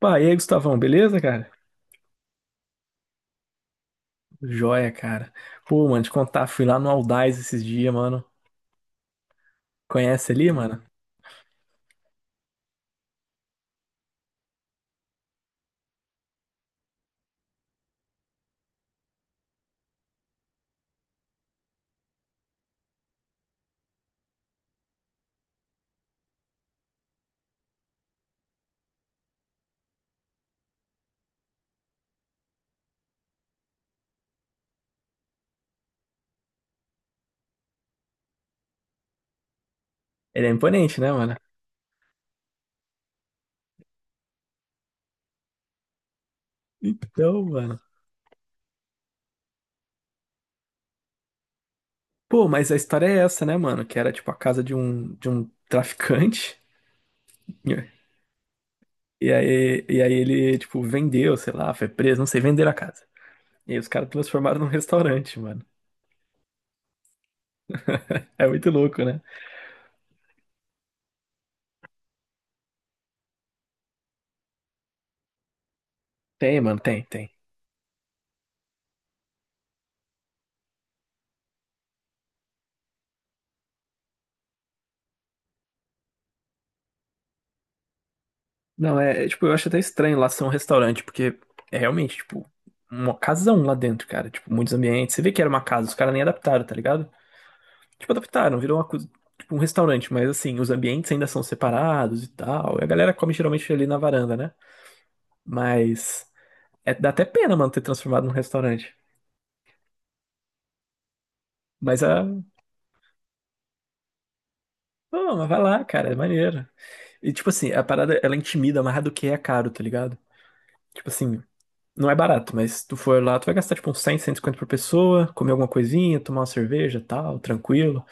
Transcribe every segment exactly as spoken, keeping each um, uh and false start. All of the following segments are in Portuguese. Pá, e aí, Gustavão, beleza, cara? Joia, cara. Pô, mano, te contar, fui lá no Aldaz esses dias, mano. Conhece ali, mano? Ele é imponente, né, mano? Então, mano. Pô, mas a história é essa, né, mano? Que era, tipo, a casa de um, de um traficante. E aí, e aí ele, tipo, vendeu, sei lá, foi preso, não sei, venderam a casa. E aí os caras transformaram num restaurante, mano. É muito louco, né? Tem, mano, tem, tem. Não, é, é, tipo, eu acho até estranho lá ser um restaurante, porque é realmente, tipo, uma casão lá dentro, cara. Tipo, muitos ambientes. Você vê que era uma casa, os caras nem adaptaram, tá ligado? Tipo, adaptaram, virou uma coisa, tipo, um restaurante, mas assim, os ambientes ainda são separados e tal. E a galera come geralmente ali na varanda, né? Mas é, dá até pena, mano, ter transformado num restaurante. Mas a. Pô, mas vai lá, cara, é maneiro. E tipo assim, a parada, ela intimida mais do que é caro, tá ligado? Tipo assim, não é barato, mas se tu for lá, tu vai gastar tipo uns cem, cento e cinquenta por pessoa, comer alguma coisinha, tomar uma cerveja, tal, tranquilo.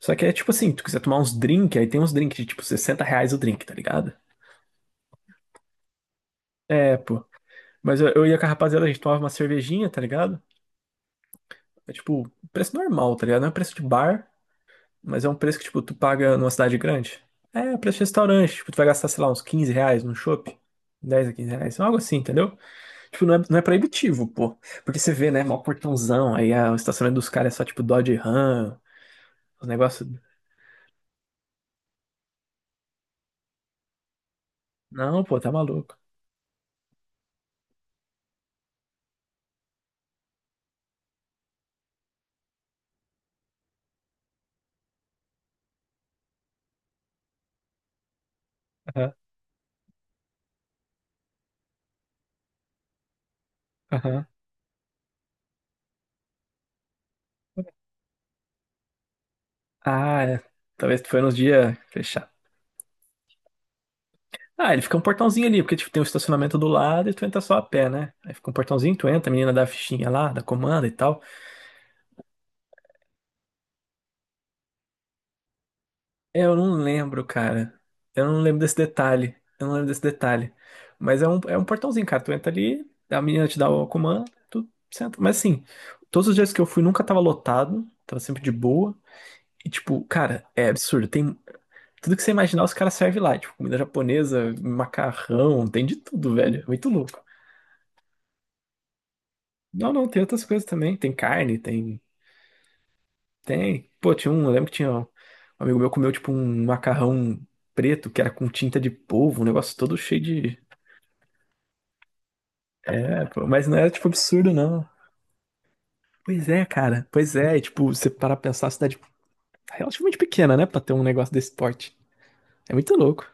Só que é tipo assim, tu quiser tomar uns drink, aí tem uns drink de tipo sessenta reais o drink, tá ligado? É, pô. Mas eu, eu ia com a rapaziada, a gente tomava uma cervejinha, tá ligado? É tipo, preço normal, tá ligado? Não é preço de bar, mas é um preço que tipo, tu paga numa cidade grande. É, preço de restaurante, tipo, tu vai gastar, sei lá, uns quinze reais num shopping, dez, a quinze reais, algo assim, entendeu? Tipo, não é, não é proibitivo, pô. Porque você vê, né? Mó portãozão. Aí a, o estacionamento dos caras é só tipo Dodge Ram. Os negócios. Não, pô, tá maluco. Aham, aham. Ah, é. Talvez foi nos dias fechar. Ah, ele fica um portãozinho ali, porque tipo, tem um estacionamento do lado e tu entra só a pé, né? Aí fica um portãozinho, tu entra, a menina dá a fichinha lá, da comanda e tal. É, eu não lembro, cara. Eu não lembro desse detalhe. Eu não lembro desse detalhe. Mas é um, é um portãozinho, cara. Tu entra ali, a menina te dá o comando, tu senta. Mas assim, todos os dias que eu fui nunca tava lotado, tava sempre de boa. E tipo, cara, é absurdo. Tem tudo que você imaginar, os caras servem lá. Tipo, comida japonesa, macarrão, tem de tudo, velho. É muito louco. Não, não, tem outras coisas também. Tem carne, tem. Tem. Pô, tinha um. Eu lembro que tinha um amigo meu comeu, tipo, um macarrão preto que era com tinta de polvo, um negócio todo cheio de. É, pô, mas não era, tipo, absurdo, não. Pois é, cara. Pois é. E, tipo, você parar pra pensar, a cidade é relativamente pequena, né, pra ter um negócio desse porte. É muito louco.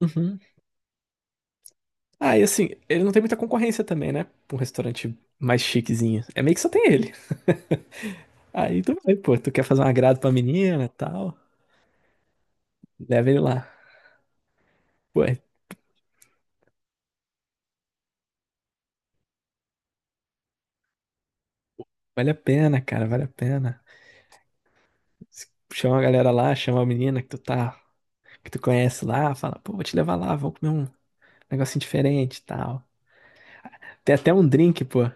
Uhum. Ah, e assim, ele não tem muita concorrência também, né? Pra um restaurante mais chiquezinho. É meio que só tem ele. Aí tu vai, pô, tu quer fazer um agrado pra menina e tal, leva ele lá. Pô, vale a pena, cara, vale a pena. Chama a galera lá, chama a menina que tu tá, que tu conhece lá, fala, pô, vou te levar lá, vamos comer um negocinho diferente e tal. Tem até um drink, pô.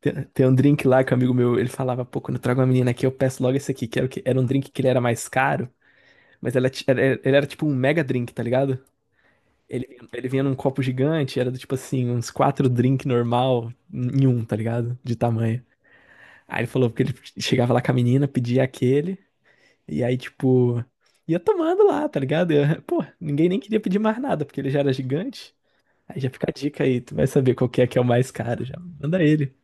Tem, tem um drink lá que um amigo meu, ele falava, pô, quando eu trago uma menina aqui, eu peço logo esse aqui, que era, o que, era um drink que ele era mais caro, mas ela, ti- era- ele era tipo um mega drink, tá ligado? Ele, ele vinha num copo gigante, era do tipo assim, uns quatro drink normal em um, tá ligado? De tamanho. Aí ele falou que ele chegava lá com a menina, pedia aquele. E aí, tipo, ia tomando lá, tá ligado? Eu- pô, ninguém nem queria pedir mais nada, porque ele já era gigante. Aí já fica a dica aí, tu vai saber qual que é que é o mais caro, já manda ele.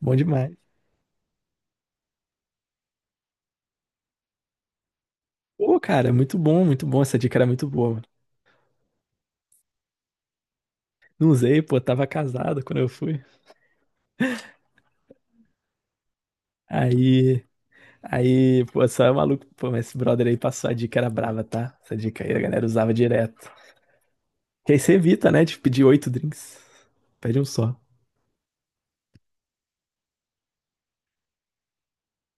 Bom demais. Pô, cara, é muito bom, muito bom, essa dica era muito boa, mano. Não usei, pô, tava casado quando eu fui. Aí, aí, pô, só é maluco, pô, mas esse brother aí passou a dica, era brava, tá? Essa dica aí a galera usava direto. Que aí você evita, né, de pedir oito drinks. Pede um só.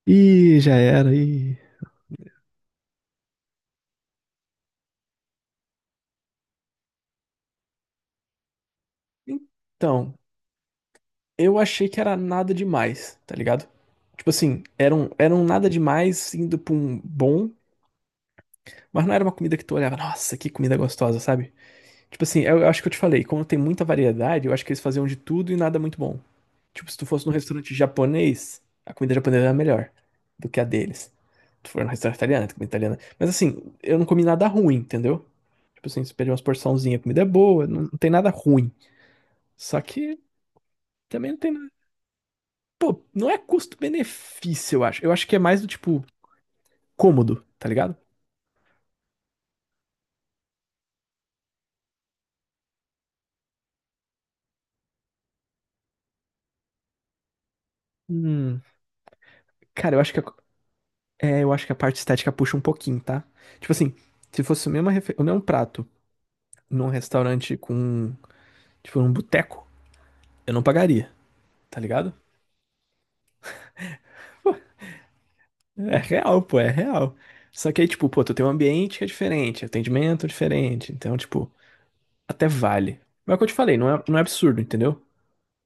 Ih, já era, ih. Então, eu achei que era nada demais, tá ligado? Tipo assim, eram, eram nada demais indo pra um bom, mas não era uma comida que tu olhava, nossa, que comida gostosa, sabe? Tipo assim, eu, eu acho que eu te falei, quando tem muita variedade, eu acho que eles faziam de tudo e nada muito bom. Tipo, se tu fosse num restaurante japonês, a comida japonesa era melhor do que a deles. Tu for num restaurante italiano, tem comida italiana. Mas assim, eu não comi nada ruim, entendeu? Tipo assim, se pedir umas porçãozinhas, a comida é boa, não, não tem nada ruim. Só que também não tem. Pô, não é custo-benefício, eu acho. Eu acho que é mais do tipo cômodo, tá ligado? Hum, cara, eu acho que a, é, eu acho que a parte estética puxa um pouquinho, tá? Tipo assim, se fosse o mesmo, refe- o mesmo prato num restaurante com, tipo, num boteco, eu não pagaria, tá ligado? Pô, é real, pô, é real. Só que aí, tipo, pô, tu tem um ambiente que é diferente, atendimento diferente, então, tipo, até vale. Mas é o que eu te falei, não é, não é absurdo, entendeu?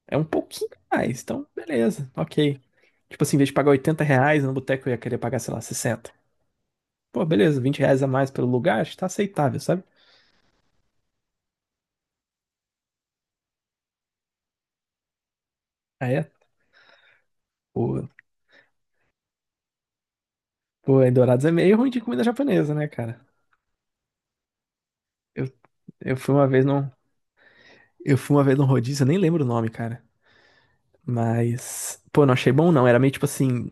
É um pouquinho a mais, então beleza, ok. Tipo assim, em vez de pagar oitenta reais no boteco, eu ia querer pagar, sei lá, sessenta. Pô, beleza, vinte reais a mais pelo lugar, acho que tá aceitável, sabe? Aí é. Pô, pô, em Dourados é meio ruim de comida japonesa, né, cara? Eu, eu fui uma vez num. Eu fui uma vez num rodízio, eu nem lembro o nome, cara. Mas. Pô, não achei bom, não. Era meio tipo assim.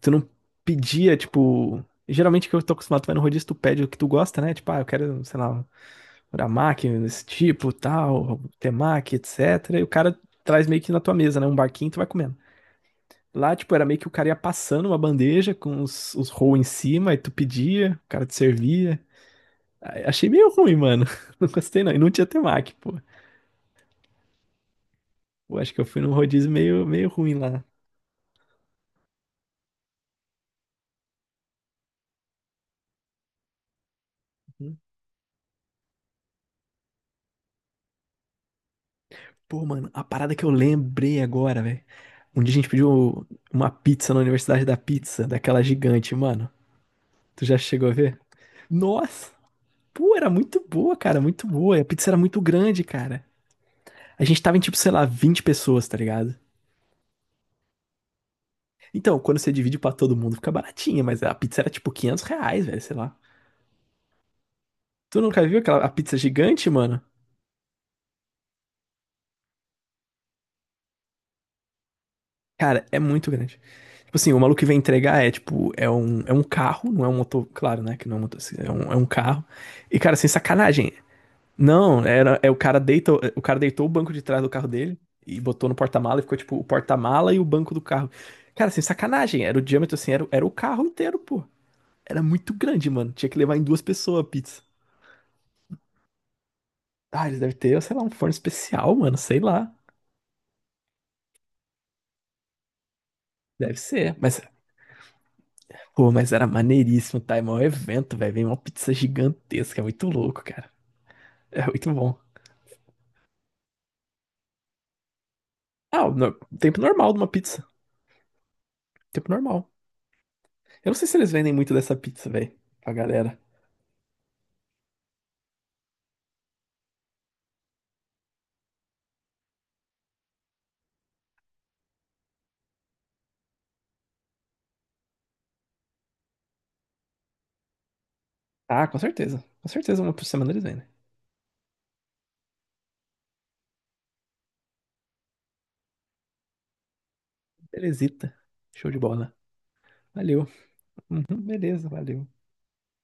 Tu não pedia, tipo. Geralmente que eu tô acostumado, tu vai no rodízio, tu pede o que tu gosta, né? Tipo, ah, eu quero, sei lá, Uramaki, desse tipo, tal, temaki, etecetera. E o cara traz meio que na tua mesa, né? Um barquinho, tu vai comendo. Lá, tipo, era meio que o cara ia passando uma bandeja com os, os roll em cima, aí tu pedia, o cara te servia. Aí, achei meio ruim, mano. Não gostei, não. E não tinha temaki, pô. Eu acho que eu fui num rodízio meio, meio ruim lá. Pô, mano, a parada que eu lembrei agora, velho. Um dia a gente pediu uma pizza na Universidade da Pizza, daquela gigante, mano. Tu já chegou a ver? Nossa, pô, era muito boa, cara, muito boa. E a pizza era muito grande, cara. A gente tava em tipo, sei lá, vinte pessoas, tá ligado? Então, quando você divide pra todo mundo, fica baratinha, mas a pizza era tipo quinhentos reais, velho, sei lá. Tu nunca viu aquela a pizza gigante, mano? Cara, é muito grande. Tipo assim, o maluco que vem entregar é tipo, é um, é um carro, não é um motor, claro, né, que não é um motor, assim, é um, é um carro. E, cara, sem sacanagem, não, era, é o cara deitou o cara deitou o banco de trás do carro dele e botou no porta-mala e ficou tipo o porta-mala e o banco do carro. Cara, assim, sacanagem, era o diâmetro assim, era, o- era o carro inteiro, pô. Era muito grande, mano. Tinha que levar em duas pessoas a pizza. Ah, eles devem ter, sei lá, um forno especial, mano, sei lá. Deve ser. Mas, pô, mas era maneiríssimo, tá? É maior evento, velho. Vem uma pizza gigantesca, é muito louco, cara. É muito bom. Ah, o no- tempo normal de uma pizza. Tempo normal. Eu não sei se eles vendem muito dessa pizza, velho, pra galera. Ah, com certeza. Com certeza, uma por semana eles vêm, né? Belezita. Show de bola. Valeu. Uhum, beleza, valeu.